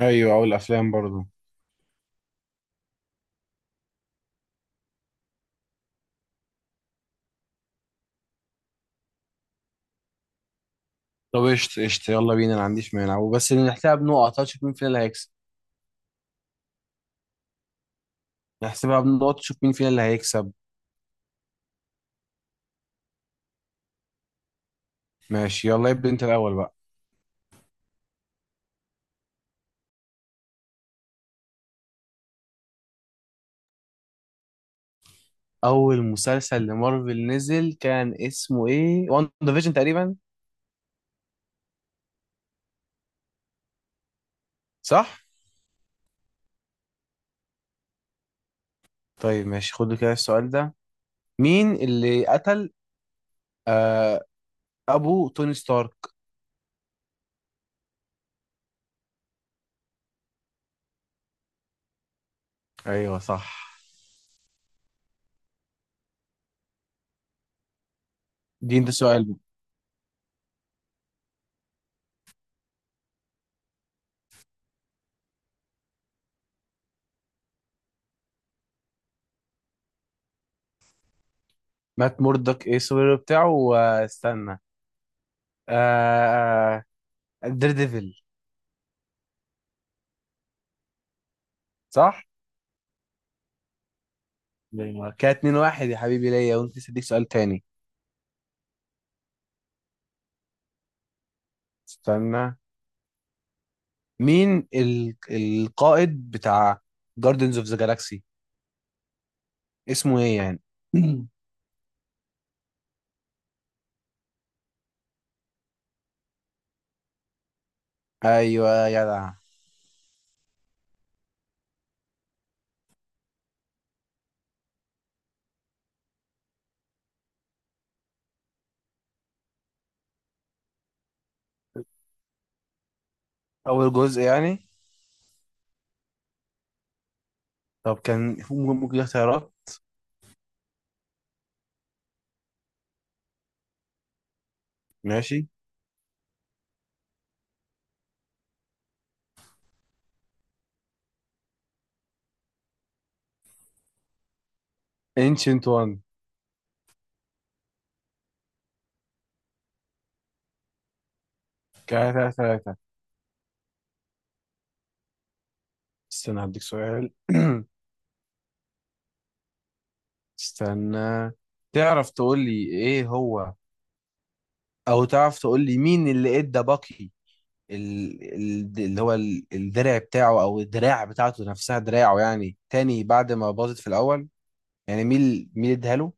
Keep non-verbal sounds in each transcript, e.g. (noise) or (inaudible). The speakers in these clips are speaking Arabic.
ايوه، او الافلام برضو. طب، قشطة قشطة، يلا بينا. انا ما عنديش مانع وبس. نحسبها بنقط، هنشوف مين فينا اللي هيكسب. نحسبها بنقط، نشوف مين فينا اللي هيكسب. ماشي، يلا ابدا انت الاول بقى. اول مسلسل لمارفل نزل كان اسمه ايه؟ وان ديفيجن تقريبا. صح. طيب، ماشي، خدوا كده السؤال ده. مين اللي قتل آه ابو توني ستارك؟ ايوه صح. دي انت سؤال بقى. مات موردك ايه السوبر هيرو بتاعه؟ واستنى، آه دير ديفل. صح. نيمار كده 2-1. يا حبيبي ليا، وانت لسه اديك سؤال تاني. استنى، مين القائد بتاع جاردنز اوف ذا جالاكسي؟ اسمه ايه يعني؟ (clears throat) ايوه يا جدع. اول جزء يعني. طب، كان ممكن اختيارات. ماشي. انشنت وان. كده 3-3. استنى، هديك سؤال. (clears throat) استنى، تعرف تقول لي ايه هو؟ او تعرف تقول لي مين اللي ادى باكي اللي هو الدرع بتاعه، او الدراع بتاعته نفسها، دراعه يعني تاني بعد ما باظت في الاول. يعني مين اداها له؟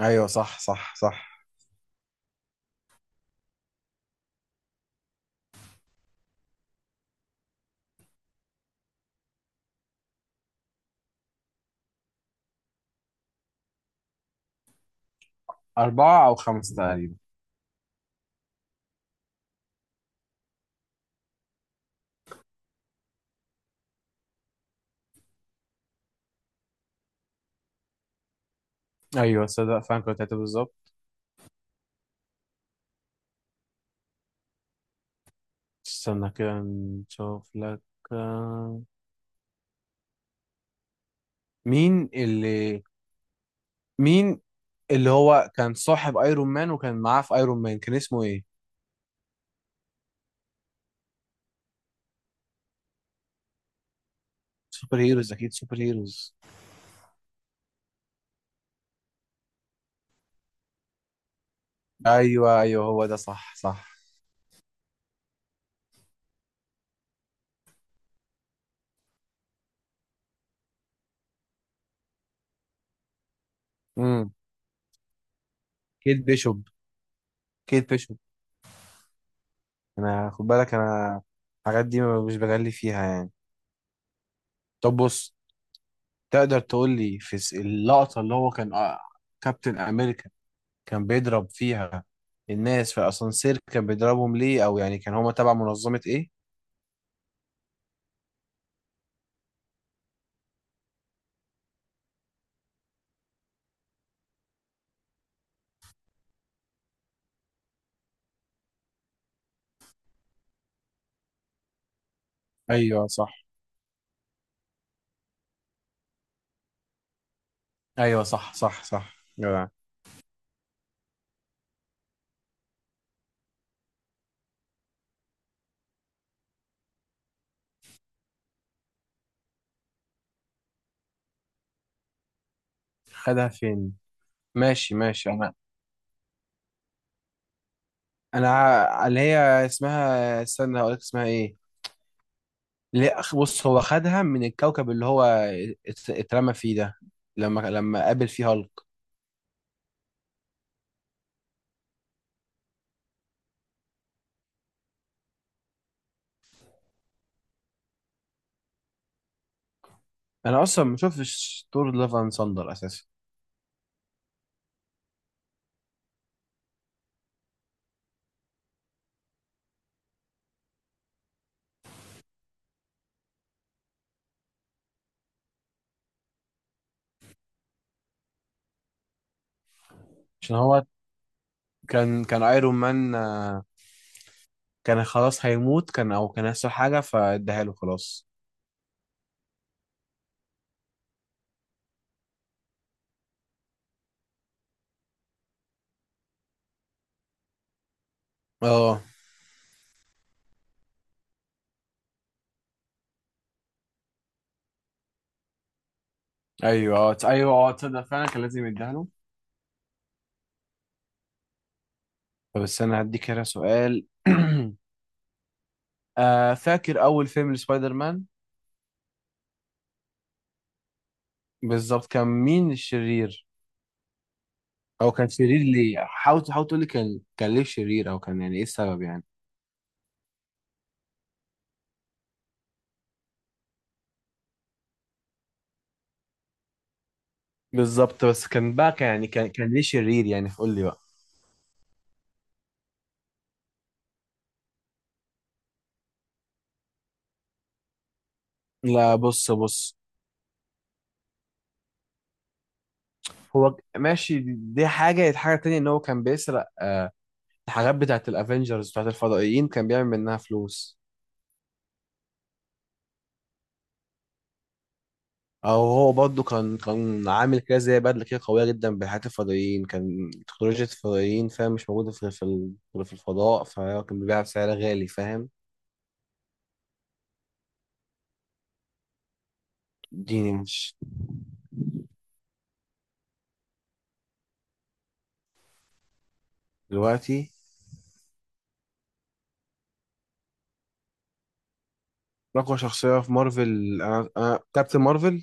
ايوه صح صح صح. أربعة أو خمسة تقريبا. أيوه، صدق فعلا، كنت هتبقى بالظبط. استنى كده نشوف لك. آه، مين اللي مين اللي هو كان صاحب ايرون مان، وكان معاه في ايرون مان، كان اسمه ايه؟ سوبر هيروز، اكيد سوبر هيروز. ايوه ايوه، هو ده، صح صح. امم كيت بيشوب. كيت بيشوب. انا خد بالك انا، الحاجات دي مش بغلي فيها يعني. طب بص، تقدر تقول لي في اللقطة اللي هو كان كابتن امريكا كان بيضرب فيها الناس في اسانسير، كان بيضربهم ليه؟ او يعني كان هما تبع منظمة ايه؟ ايوه صح. ايوه صح صح صح جدع. خدها فين؟ ماشي ماشي، انا اللي هي اسمها، استنى هقول لك اسمها ايه. ليه بص، هو خدها من الكوكب اللي هو اترمى فيه ده، لما قابل فيه هالك. انا اصلا ما شفتش دور لافان ساندر اساسا. عشان هو كان ايرون مان، كان خلاص هيموت، كان او كان هيحصل حاجه فاداها له خلاص. اه. ايوه اه تصدق فعلا، كان لازم يديها له. طب استنى، هديك هنا سؤال. (clears throat) فاكر اول فيلم لسبايدر مان؟ بالظبط، كان مين الشرير؟ او كان شرير ليه؟ حاول حاول تقول لي، كان ليه شرير؟ او كان يعني ايه السبب يعني؟ بالظبط، بس كان بقى، كان يعني، كان ليه شرير يعني؟ قول لي بقى. لا بص بص، هو ماشي، دي حاجة، هي حاجة تانية. إن هو كان بيسرق الحاجات بتاعة الأفينجرز، بتاعة الفضائيين، كان بيعمل منها فلوس. أو هو برضه كان عامل كده زي بدلة كده قوية جدا بحاجات الفضائيين، كان تكنولوجيا الفضائيين، فاهم، مش موجودة في غير في الفضاء، فهو كان بيبيعها بسعر غالي، فاهم. ديني مش دلوقتي. أقوى شخصية في مارفل، أنا كابتن مارفل.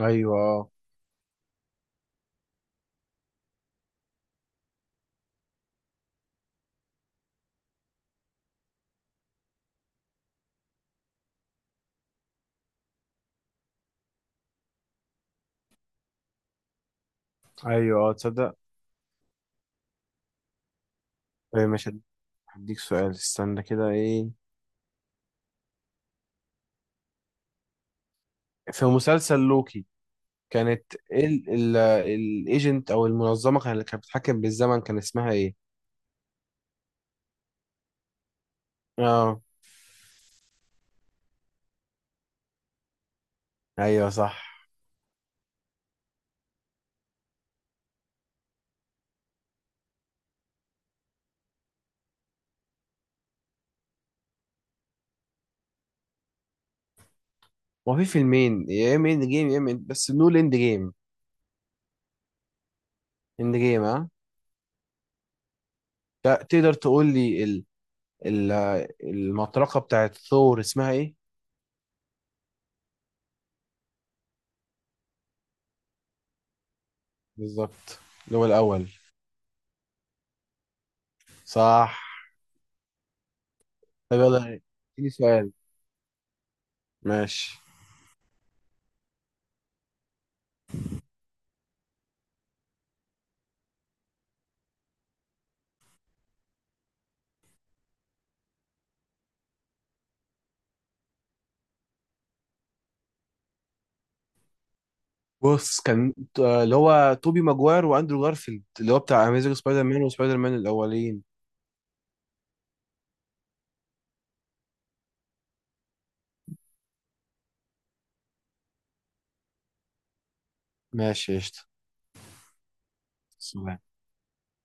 أيوه أه. أيوه أه، تصدق. إيه، مش هديك سؤال، استنى كده. إيه، في مسلسل لوكي، كانت الايجنت او المنظمه اللي كانت بتتحكم بالزمن، كان اسمها ايه؟ اه. ايوه صح. وفي فيلمين، يا اما اند جيم، يا اما بس نقول اند جيم. اند جيم اه. تقدر تقول لي ال... المطرقه بتاعت ثور اسمها ايه؟ بالظبط، اللي هو الاول. صح. طب يلا، اديني سؤال. ماشي. بص، كان اللي هو توبي ماجواير واندرو جارفيلد، اللي هو بتاع اميزنج سبايدر مان وسبايدر مان الاولين. ماشي قشطة.